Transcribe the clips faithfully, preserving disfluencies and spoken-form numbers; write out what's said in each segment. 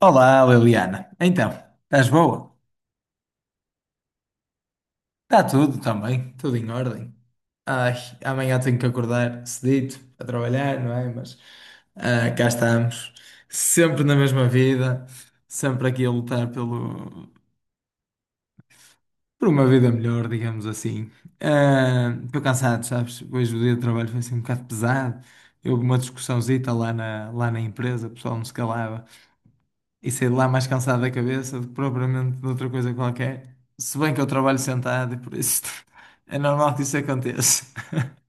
Olá, Liliana. Então, estás boa? Está tudo também, tudo em ordem. Ai, amanhã tenho que acordar cedito a trabalhar, não é? Mas ah, cá estamos, sempre na mesma vida, sempre aqui a lutar pelo, por uma vida melhor, digamos assim. Ah, Estou cansado, sabes? Hoje o dia de trabalho foi assim um bocado pesado. Houve uma discussãozita lá na, lá na empresa, o pessoal não se calava. e saí de lá mais cansado da cabeça do que propriamente de outra coisa qualquer. Se bem que eu trabalho sentado, e por isso é normal que isso aconteça.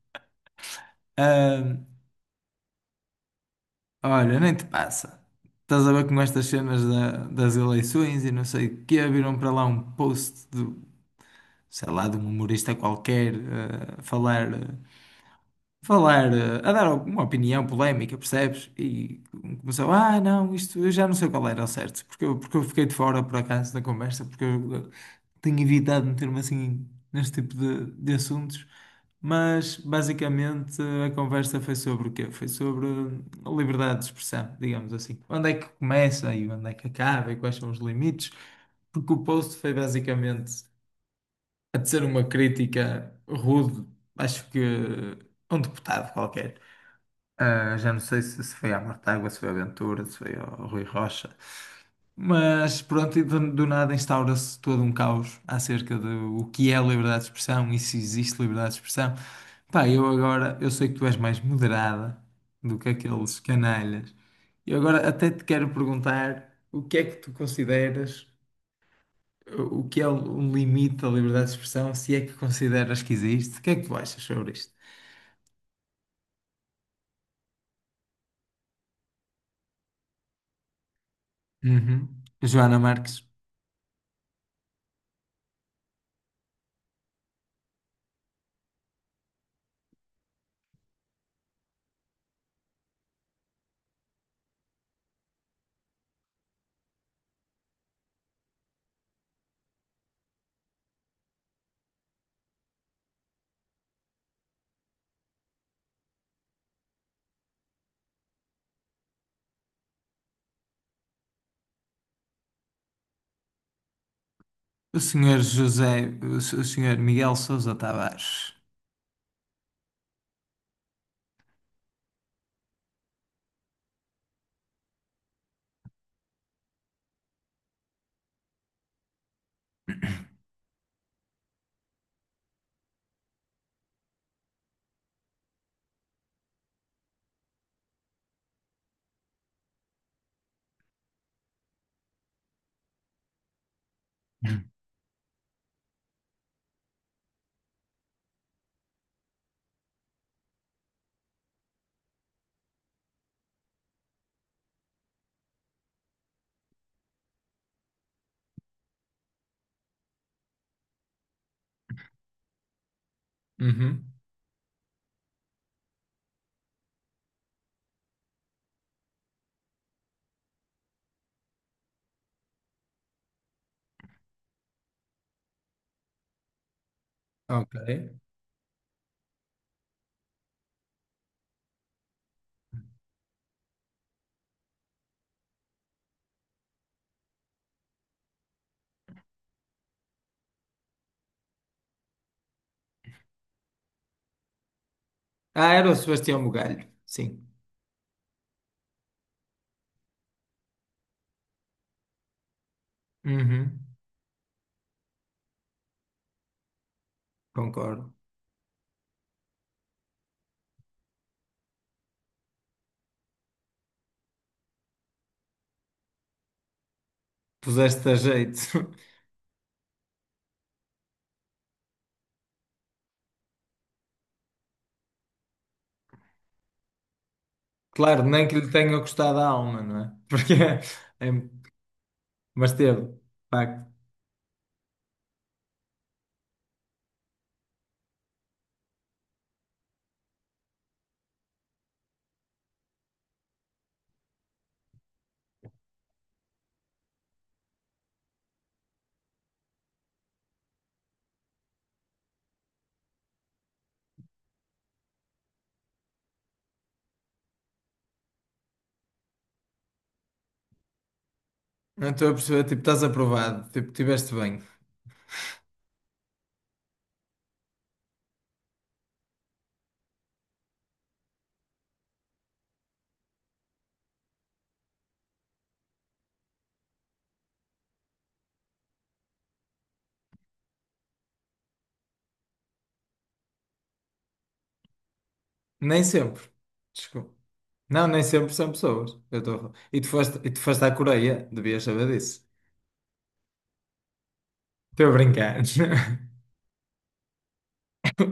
Ah, olha, nem te passa. Estás a ver com estas cenas da- das eleições e não sei o quê, viram para lá um post do, sei lá, de um humorista qualquer ah, a falar. ah, falar, eh, a dar uma opinião polémica, percebes? E começou, ah, não, isto eu já não sei qual era ao certo, porque eu, porque eu fiquei de fora por acaso da conversa, porque eu eh, tenho evitado meter-me assim neste tipo de, de assuntos. Mas basicamente a conversa foi sobre o quê? Foi sobre hum, a liberdade de expressão, digamos assim. Onde é que começa e onde é que acaba e quais são os limites? Porque o post foi basicamente a dizer uma crítica rude, acho que a um deputado qualquer. Ah, já não sei se, se foi à Mortágua, se foi ao Ventura, se foi ao Rui Rocha. Mas pronto, e do, do nada instaura-se todo um caos acerca do o que é liberdade de expressão e se existe liberdade de expressão. Pá, eu agora, eu sei que tu és mais moderada do que aqueles canalhas. E agora até te quero perguntar o que é que tu consideras o que é um limite da liberdade de expressão, se é que consideras que existe? O que é que tu achas sobre isto? Uhum. Joana Marques. O senhor José, o s- o senhor Miguel Sousa Tavares. Uhum. Ok. Ah, era o Sebastião Bugalho. Sim. Uhum. Concordo. Puseste a jeito. Claro, nem que lhe tenha custado a alma, não é? Porque é... é- Mas teve, de facto. Não estou a perceber, tipo, estás aprovado, tipo, tiveste bem. Nem sempre. Desculpa. Não, nem sempre são pessoas. Eu tô... E tu foste, e tu foste à Coreia, devias saber disso. Estou a brincar.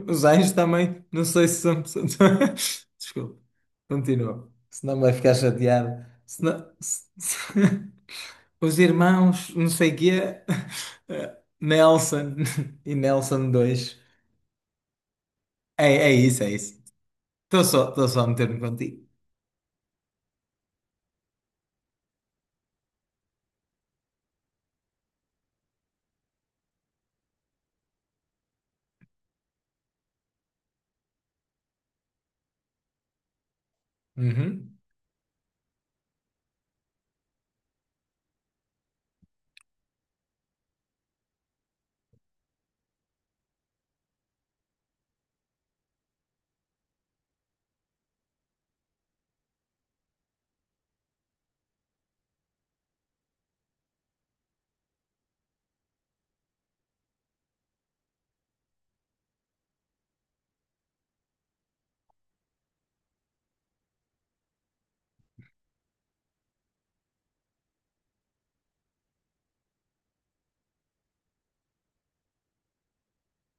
Os anjos também, não sei se são pessoas. Desculpa. Continua. Senão vai ficar chateado. Senão... se- se- Os irmãos, não sei quê. Nelson e Nelson dois É, é isso, é isso. Estou só, estou só a meter-me contigo. Uhum.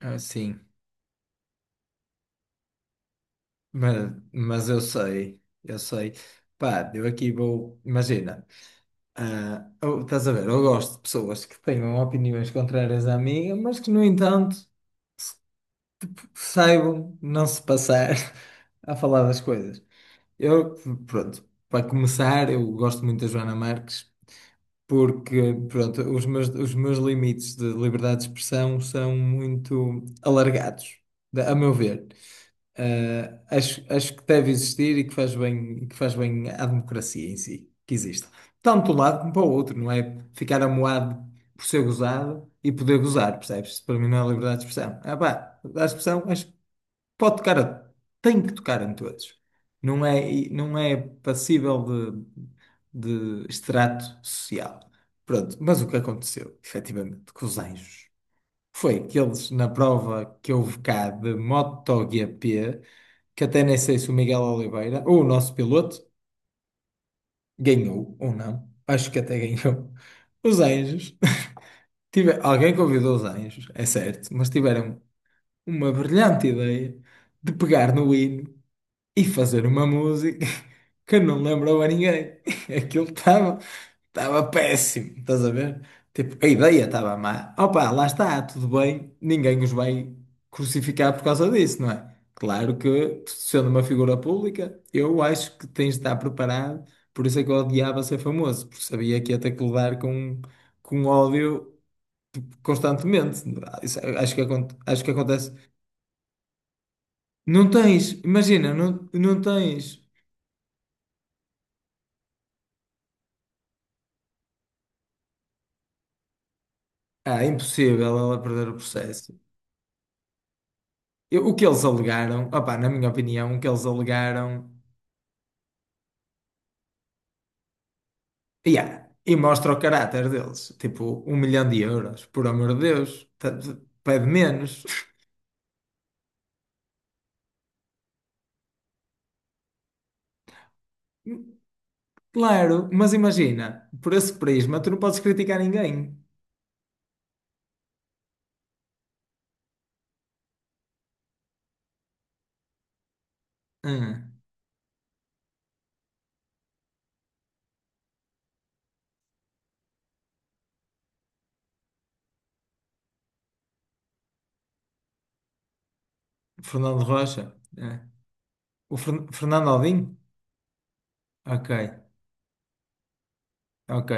Ah, sim. Mas, mas eu sei, eu sei. Pá, eu aqui vou. Imagina, ah, eu- estás a ver? Eu gosto de pessoas que tenham opiniões contrárias à minha, mas que, no entanto, saibam não se passar a falar das coisas. Eu, pronto, para começar, eu gosto muito da Joana Marques, porque, pronto, os meus, os meus limites de liberdade de expressão são muito alargados, da- a meu ver. Uh, acho, acho que deve existir e que faz bem, e que faz bem à democracia em si, que existe. Tanto de um lado como para o outro, não é? Ficar amuado por ser gozado e poder gozar, percebes? Para mim não é liberdade de expressão. Ah pá, a expressão acho que pode tocar, a- tem que tocar em todos. Não é, e não é passível de, de extrato social. Pronto, mas o que aconteceu, efetivamente, com os anjos? Foi que eles, na prova que houve cá de MotoGP, que até nem sei se o Miguel Oliveira, ou o nosso piloto, ganhou ou não, acho que até ganhou. Os anjos, tive, alguém convidou os anjos, é certo, mas tiveram uma brilhante ideia de pegar no hino e fazer uma música que não lembrou a ninguém. Aquilo estava estava péssimo, estás a ver? Tipo, a ideia estava má. Opa, lá está, tudo bem, ninguém os vai crucificar por causa disso, não é? Claro que, sendo uma figura pública, eu acho que tens de estar preparado, por isso é que eu odiava ser famoso, porque sabia que ia ter que lidar com, com ódio constantemente. Isso, acho que, acon- acho que acontece. Não tens, imagina, não, não tens. Ah, é impossível ela perder o processo. Eu- o que eles alegaram, opá, na minha opinião, o que eles alegaram, yeah, e mostra o caráter deles, tipo, um milhão de euros, por amor de Deus, t- t- pede menos. Claro, mas imagina, por esse prisma, tu não podes criticar ninguém. Hum, Fernando Rocha, é. O Fer- Fernando Aldinho? Ok, ok,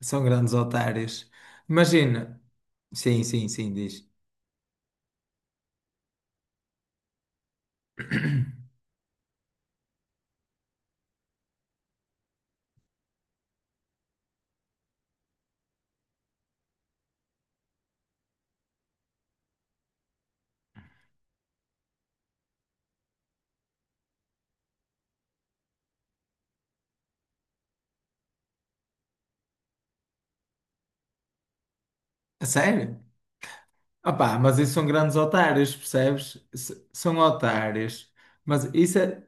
são grandes otários. Imagina, sim, sim, sim, diz. A sério? Ah pá, mas isso são grandes otários, percebes? S- São otários. Mas isso é.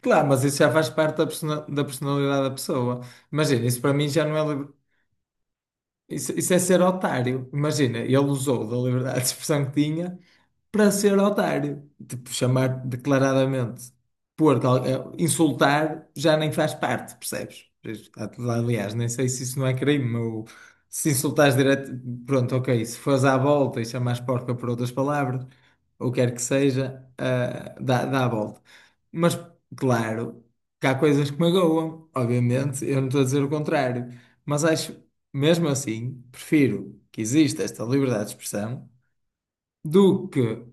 Claro, mas isso já faz parte da, persona- da personalidade da pessoa. Imagina, isso para mim já não é. Isso, isso é ser otário. Imagina, ele usou da liberdade de expressão que tinha para ser otário. Tipo, chamar declaradamente, pôr, cal- eh, insultar já nem faz parte, percebes? Aliás, nem sei se isso não é crime. Ou se insultares direto, pronto, ok. Se fores à volta e chamares porca por outras palavras, ou quer que seja, ah, dá, dá a volta. Mas, claro, que há coisas que magoam, obviamente, eu não estou a dizer o contrário. Mas acho mesmo assim, prefiro que exista esta liberdade de expressão do que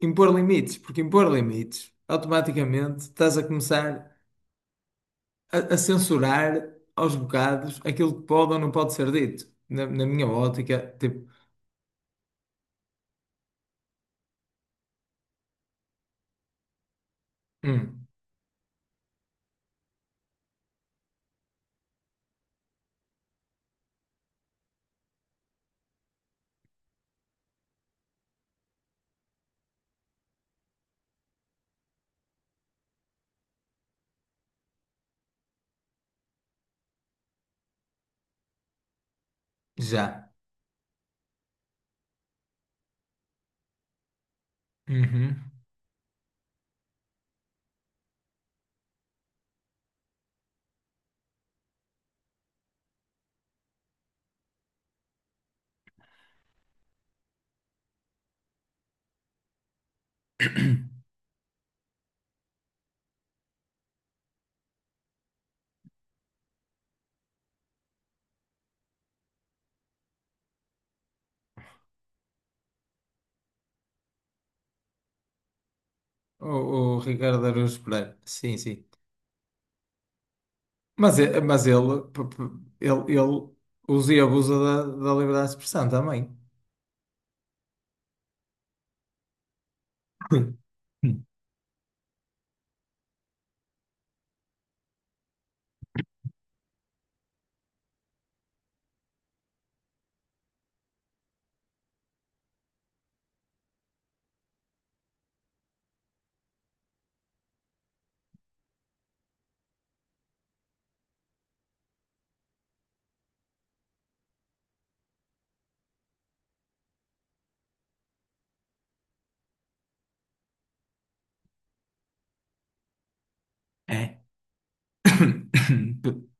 impor limites, porque impor limites, automaticamente estás a começar a, a censurar aos bocados aquilo que pode ou não pode ser dito. Na, na minha ótica, tipo, hum, já. Uhum. O, o Ricardo Araújo Pereira. Sim, sim. Mas, e- mas ele, p- p- ele, ele usa e abusa da, da liberdade de expressão também. É.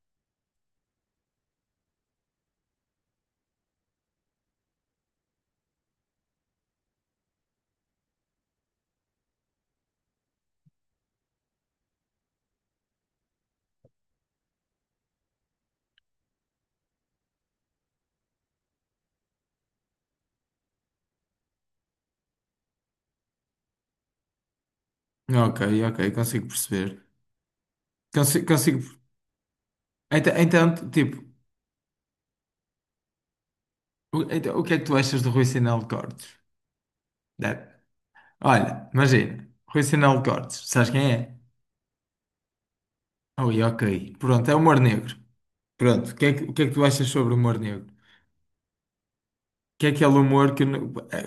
Ok, ok, consigo perceber. Consigo, consigo. Então, então, tipo, o, então, o, que é que tu achas do Rui Sinal de Cortes? Deve- Olha, imagina, Rui Sinal de Cortes, sabes quem é? Ui, ok, pronto, é humor negro. Pronto, o que é que, o que é que tu achas sobre o humor negro? Que é aquele humor que não, é,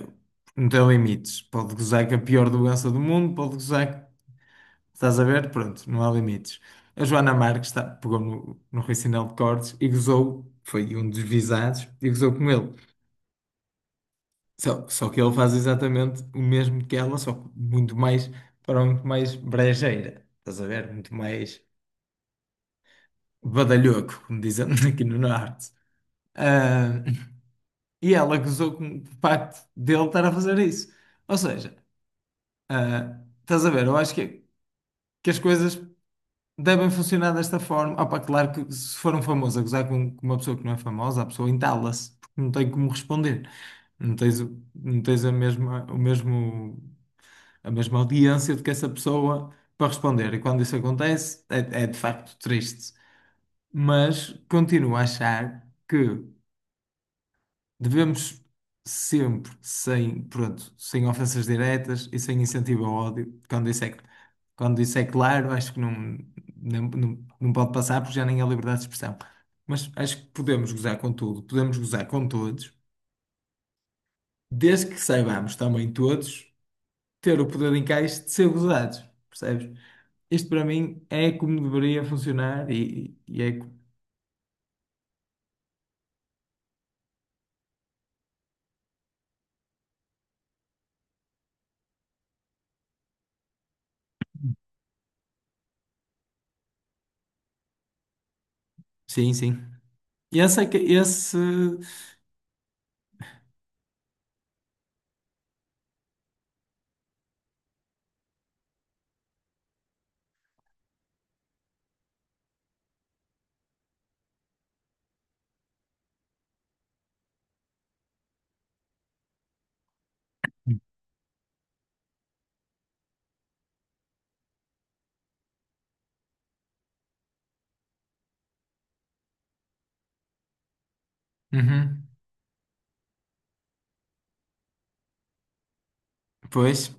não tem limites. Pode gozar com a pior doença do mundo, pode gozar, estás a ver? Pronto, não há limites. A Joana Marques tá- pegou no, no Rui Sinal de Cortes e gozou, foi um dos visados, e gozou com ele. Só, só que ele faz exatamente o mesmo que ela, só que muito mais, para um muito mais brejeira, estás a ver? Muito mais badalhoco, como dizem aqui no Norte. Ah, e ela acusou com o facto dele estar a fazer isso. Ou seja, ah, estás a ver? Eu acho que, que as coisas devem funcionar desta forma. Opa, claro que se for um famoso a gozar com, com uma pessoa que não é famosa, a pessoa entala-se, porque não tem como responder. Não tens, o- não tens a mesma, o mesmo. A mesma audiência do que essa pessoa para responder. E quando isso acontece, é, é de facto triste. Mas continuo a achar que devemos sempre, sem, pronto, sem ofensas diretas e sem incentivo ao ódio, quando isso é, quando isso é claro, acho que não, não, não, não, pode passar porque já nem há liberdade de expressão. Mas acho que podemos gozar com tudo, podemos gozar com todos, desde que saibamos também todos. Ter o poder de encaixe de ser gozados, percebes? Isto para mim é como deveria funcionar e, e é. co- Sim, sim. Esse é que. Esse. Uhum. Pois.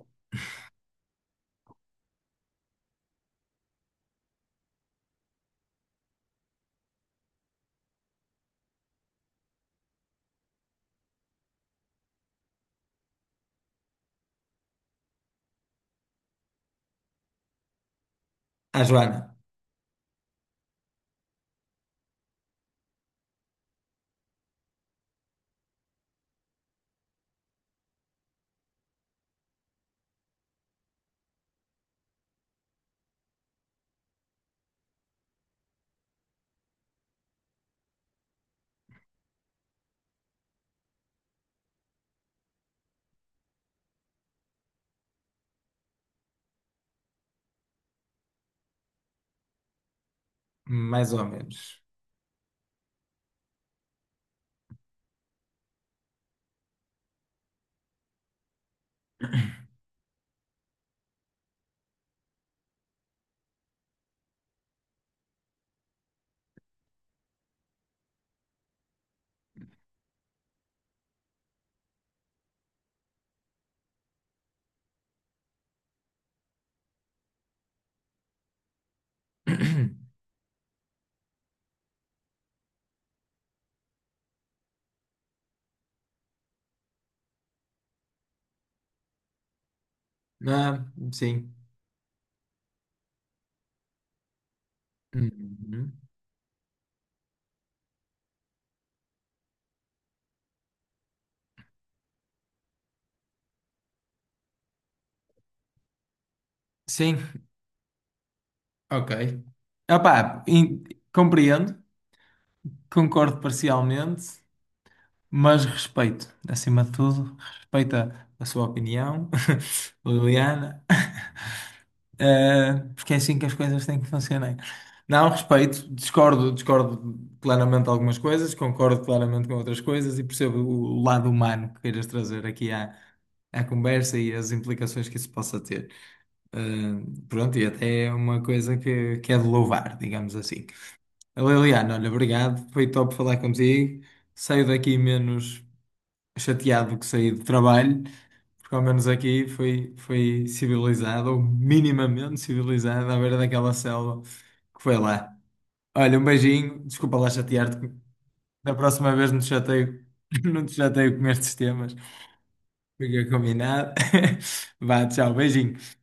A Joana. Mais ou menos. Ah, sim. Uhum. Sim, ok. Opá, in- compreendo, concordo parcialmente, mas respeito, acima de tudo, respeito a, a sua opinião, Liliana. Uh, porque é assim que as coisas têm que funcionar. Não, respeito, discordo, discordo claramente de algumas coisas, concordo claramente com outras coisas e percebo o lado humano que queiras trazer aqui à, à conversa e as implicações que isso possa ter. Uh, pronto, e até é uma coisa que, que é de louvar, digamos assim. Liliana, olha, obrigado, foi top falar contigo. Saio daqui menos chateado que saí do trabalho porque ao menos aqui foi, foi civilizada, ou minimamente civilizada, à beira daquela selva que foi lá. Olha, um beijinho, desculpa lá chatear-te. Da próxima vez não te chateio, não te chateio com estes temas. Fica combinado. Vá, tchau, beijinho.